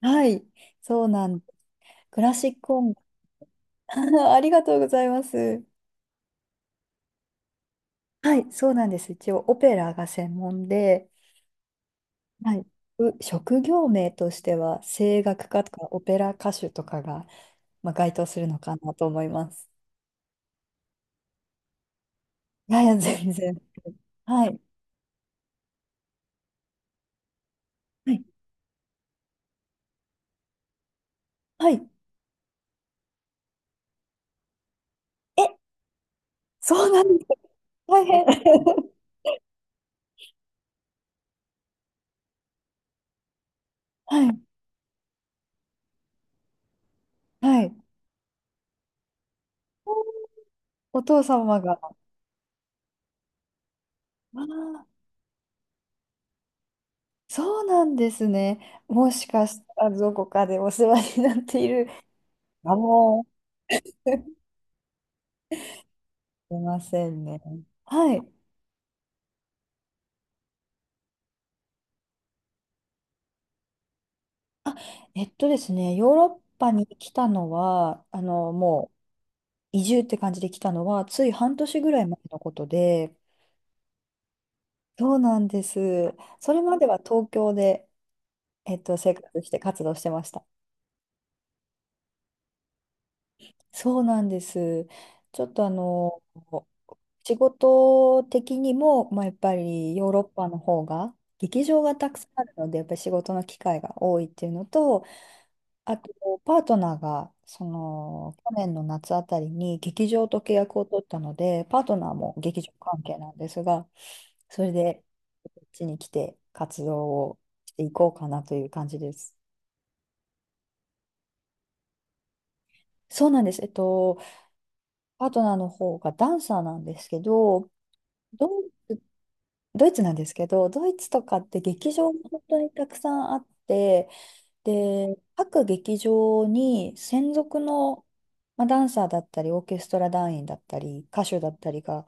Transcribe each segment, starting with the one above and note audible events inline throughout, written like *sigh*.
はい、そうなん、クラシック音楽、*laughs* ありがとうございます。はい、そうなんです。一応オペラが専門で、はい、職業名としては声楽家とかオペラ歌手とかが、まあ、該当するのかなと思います。いやいや、全然。はい、はい、はい。え、そうなんですか。大変。*laughs* はい、はい。お父様が。ああ、そうなんですね。もしかしたらどこかでお世話になっているかも。すいませんね。はい。えっとですね、ヨーロッパに来たのは、もう移住って感じで来たのは、つい半年ぐらい前のことで、そうなんです。それまでは東京で、生活して活動してました。そうなんです。ちょっと仕事的にも、まあ、やっぱりヨーロッパの方が、劇場がたくさんあるので、やっぱり仕事の機会が多いっていうのと、あと、パートナーが、その、去年の夏あたりに劇場と契約を取ったので、パートナーも劇場関係なんですが、それで、こっちに来て活動をしていこうかなという感じです。そうなんです。パートナーの方がダンサーなんですけど、どうドイツなんですけど、ドイツとかって劇場が本当にたくさんあって、で、各劇場に専属の、まあ、ダンサーだったり、オーケストラ団員だったり、歌手だったりが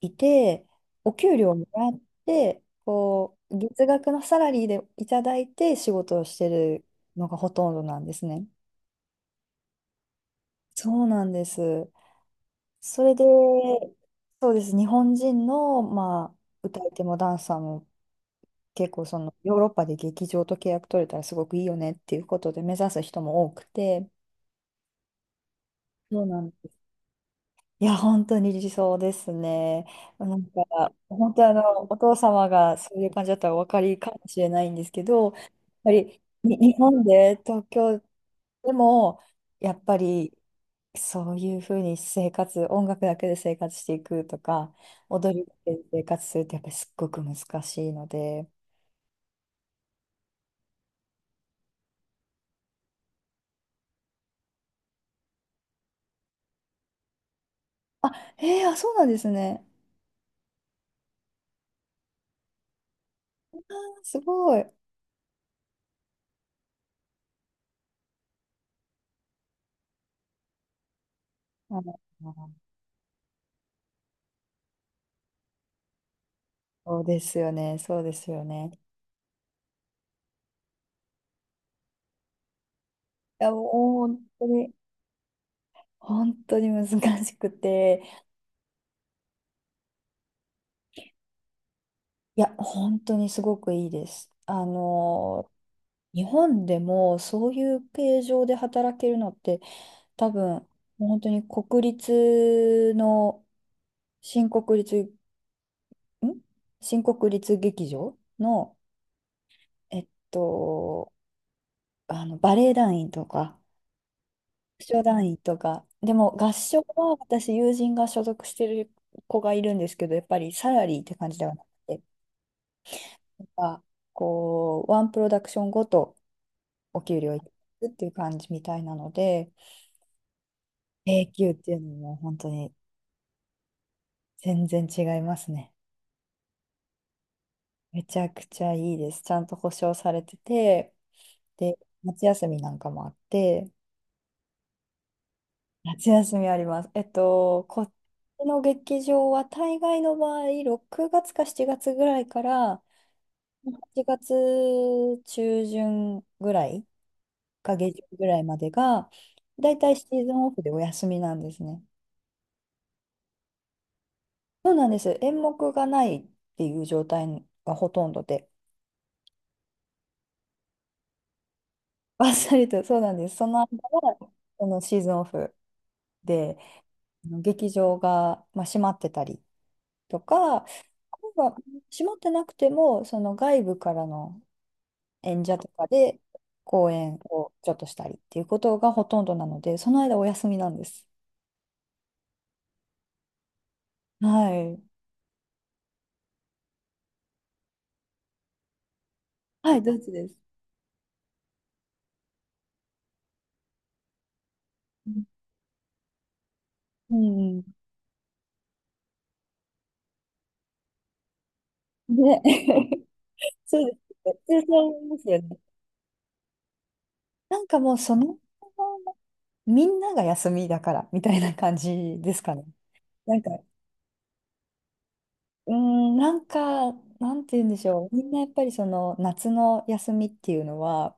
いて、お給料をもらって、こう、月額のサラリーでいただいて仕事をしてるのがほとんどなんですね。そうなんです。それで、そうです。日本人の、まあ、歌い手もダンサーも結構そのヨーロッパで劇場と契約取れたらすごくいいよねっていうことで目指す人も多くて、そうなんです。いや、本当に理想ですね。なんか、本当お父様がそういう感じだったらお分かりかもしれないんですけど、やっぱりに日本で東京でも、やっぱりそういうふうに生活、音楽だけで生活していくとか、踊りだけで生活するってやっぱりすっごく難しいので。あ、えー、あ、そうなんですね。すごい。はい、そうですよね、そうですよね。いや、もう本当に、本当に難しくて、いや、本当にすごくいいです。日本でもそういう形状で働けるのって、多分、もう本当に国立の、新国立、ん新国立劇場の、えっと、バレエ団員とか、合唱団員とか。でも合唱は私、友人が所属してる子がいるんですけど、やっぱりサラリーって感じではなくて、なんかこう、ワンプロダクションごとお給料いただくっていう感じみたいなので、永久っていうのも本当に全然違いますね。めちゃくちゃいいです。ちゃんと保証されてて、で、夏休みなんかもあって、夏休みあります。こっちの劇場は大概の場合、6月か7月ぐらいから、8月中旬ぐらいか下旬ぐらいまでが、だいたいシーズンオフでお休みなんですね。そうなんです。演目がないっていう状態がほとんどで、バっさりと、そうなんです。その間は、そのシーズンオフで、あの劇場が、まあ、閉まってたりとか、あるいは閉まってなくても、その外部からの演者とかで公演をちょっとしたりっていうことがほとんどなので、その間お休みなんです。はい。はい、ドイツです。うん。うんで、*laughs* そうです。普通そう思いますよね。なんかもうその、みんなが休みだから、みたいな感じですかね。なんか、うーん、なんか、なんて言うんでしょう。みんなやっぱりその夏の休みっていうのは、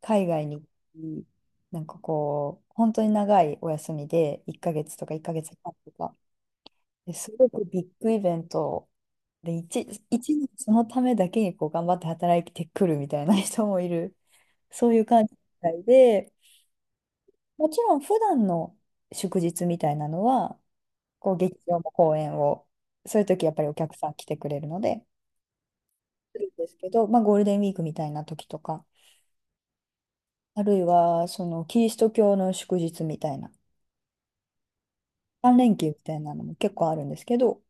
海外に、なんかこう、本当に長いお休みで、1ヶ月とか1ヶ月半とか、ですごくビッグイベントで、1年そのためだけにこう頑張って働いてくるみたいな人もいる、*laughs* そういう感じみたいで、もちろん普段の祝日みたいなのは、こう劇場も公演を、そういう時やっぱりお客さん来てくれるので、するんですけど、まあ、ゴールデンウィークみたいな時とか、あるいはそのキリスト教の祝日みたいな、3連休みたいなのも結構あるんですけど、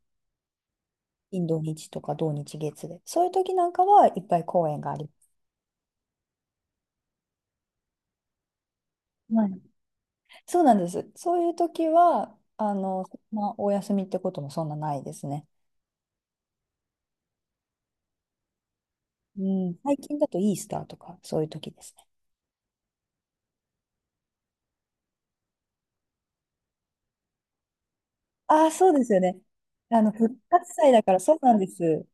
金土日とか土日月で、そういう時なんかはいっぱい公演があります。そうなんです。そういう時は、まあお休みってこともそんなないですね。うん、最近だとイースターとか、そういう時ですね。ああ、そうですよね。あの、復活祭だから、そうなんです。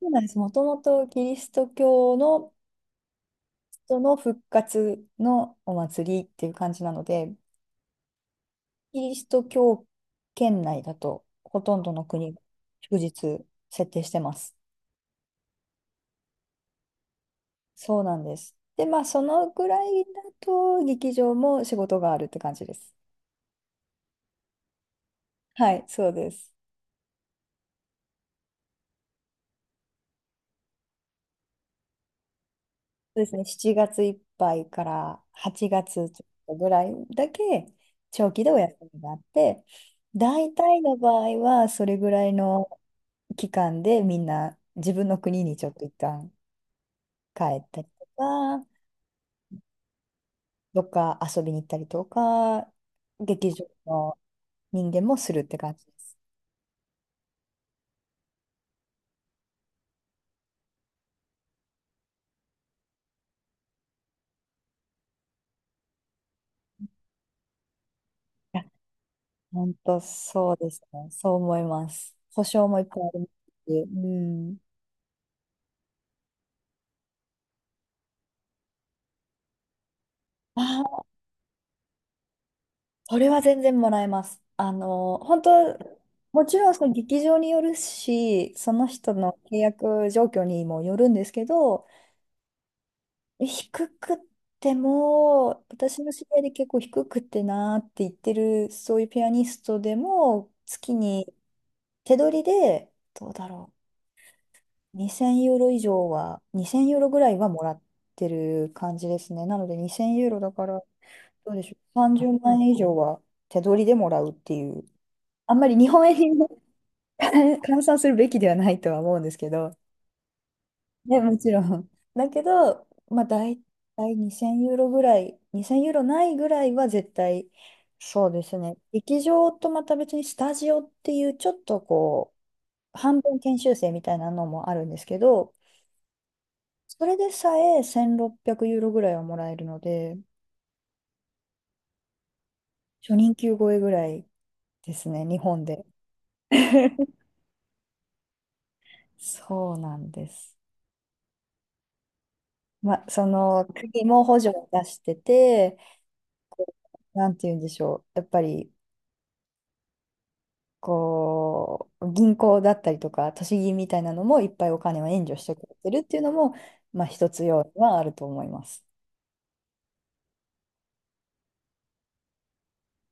そうなんです。もともとキリスト教の人の復活のお祭りっていう感じなので、キリスト教圏内だと、ほとんどの国、祝日設定してます。そうなんです。で、まあ、そのぐらいだと、劇場も仕事があるって感じです。はい、そうです。そうですね、7月いっぱいから8月ちょっとぐらいだけ長期でお休みがあって、大体の場合はそれぐらいの期間でみんな自分の国にちょっと一旦帰ったりとか、どっか遊びに行ったりとか、劇場の人間もするって感じです。いや、本当そうですね。そう思います。保証もいっぱいありますし。うん。あ、これは全然もらえます。あの、本当、もちろんその劇場によるし、その人の契約状況にもよるんですけど、低くっても、私の知り合いで結構低くってなーって言ってる、そういうピアニストでも、月に手取りで、どうだろう、2000ユーロ以上は、2000ユーロぐらいはもらってる感じですね。なので2000ユーロだから、どうでしょう、30万円以上は手取りでもらうっていう。あんまり日本円にね *laughs* 換算するべきではないとは思うんですけど、ね、もちろん。だけど、まあ、大体2000ユーロぐらい、2000ユーロないぐらいは絶対、そうですね、劇場とまた別にスタジオっていう、ちょっとこう、半分研修生みたいなのもあるんですけど、それでさえ1600ユーロぐらいはもらえるので、初任給超えぐらいですね、日本で。*laughs* そうなんです。ま、その国も補助を出してて、こうなんて言うんでしょう、やっぱりこう銀行だったりとか、都市銀みたいなのもいっぱいお金を援助してくれてるっていうのも、まあ、一つ要因はあると思います。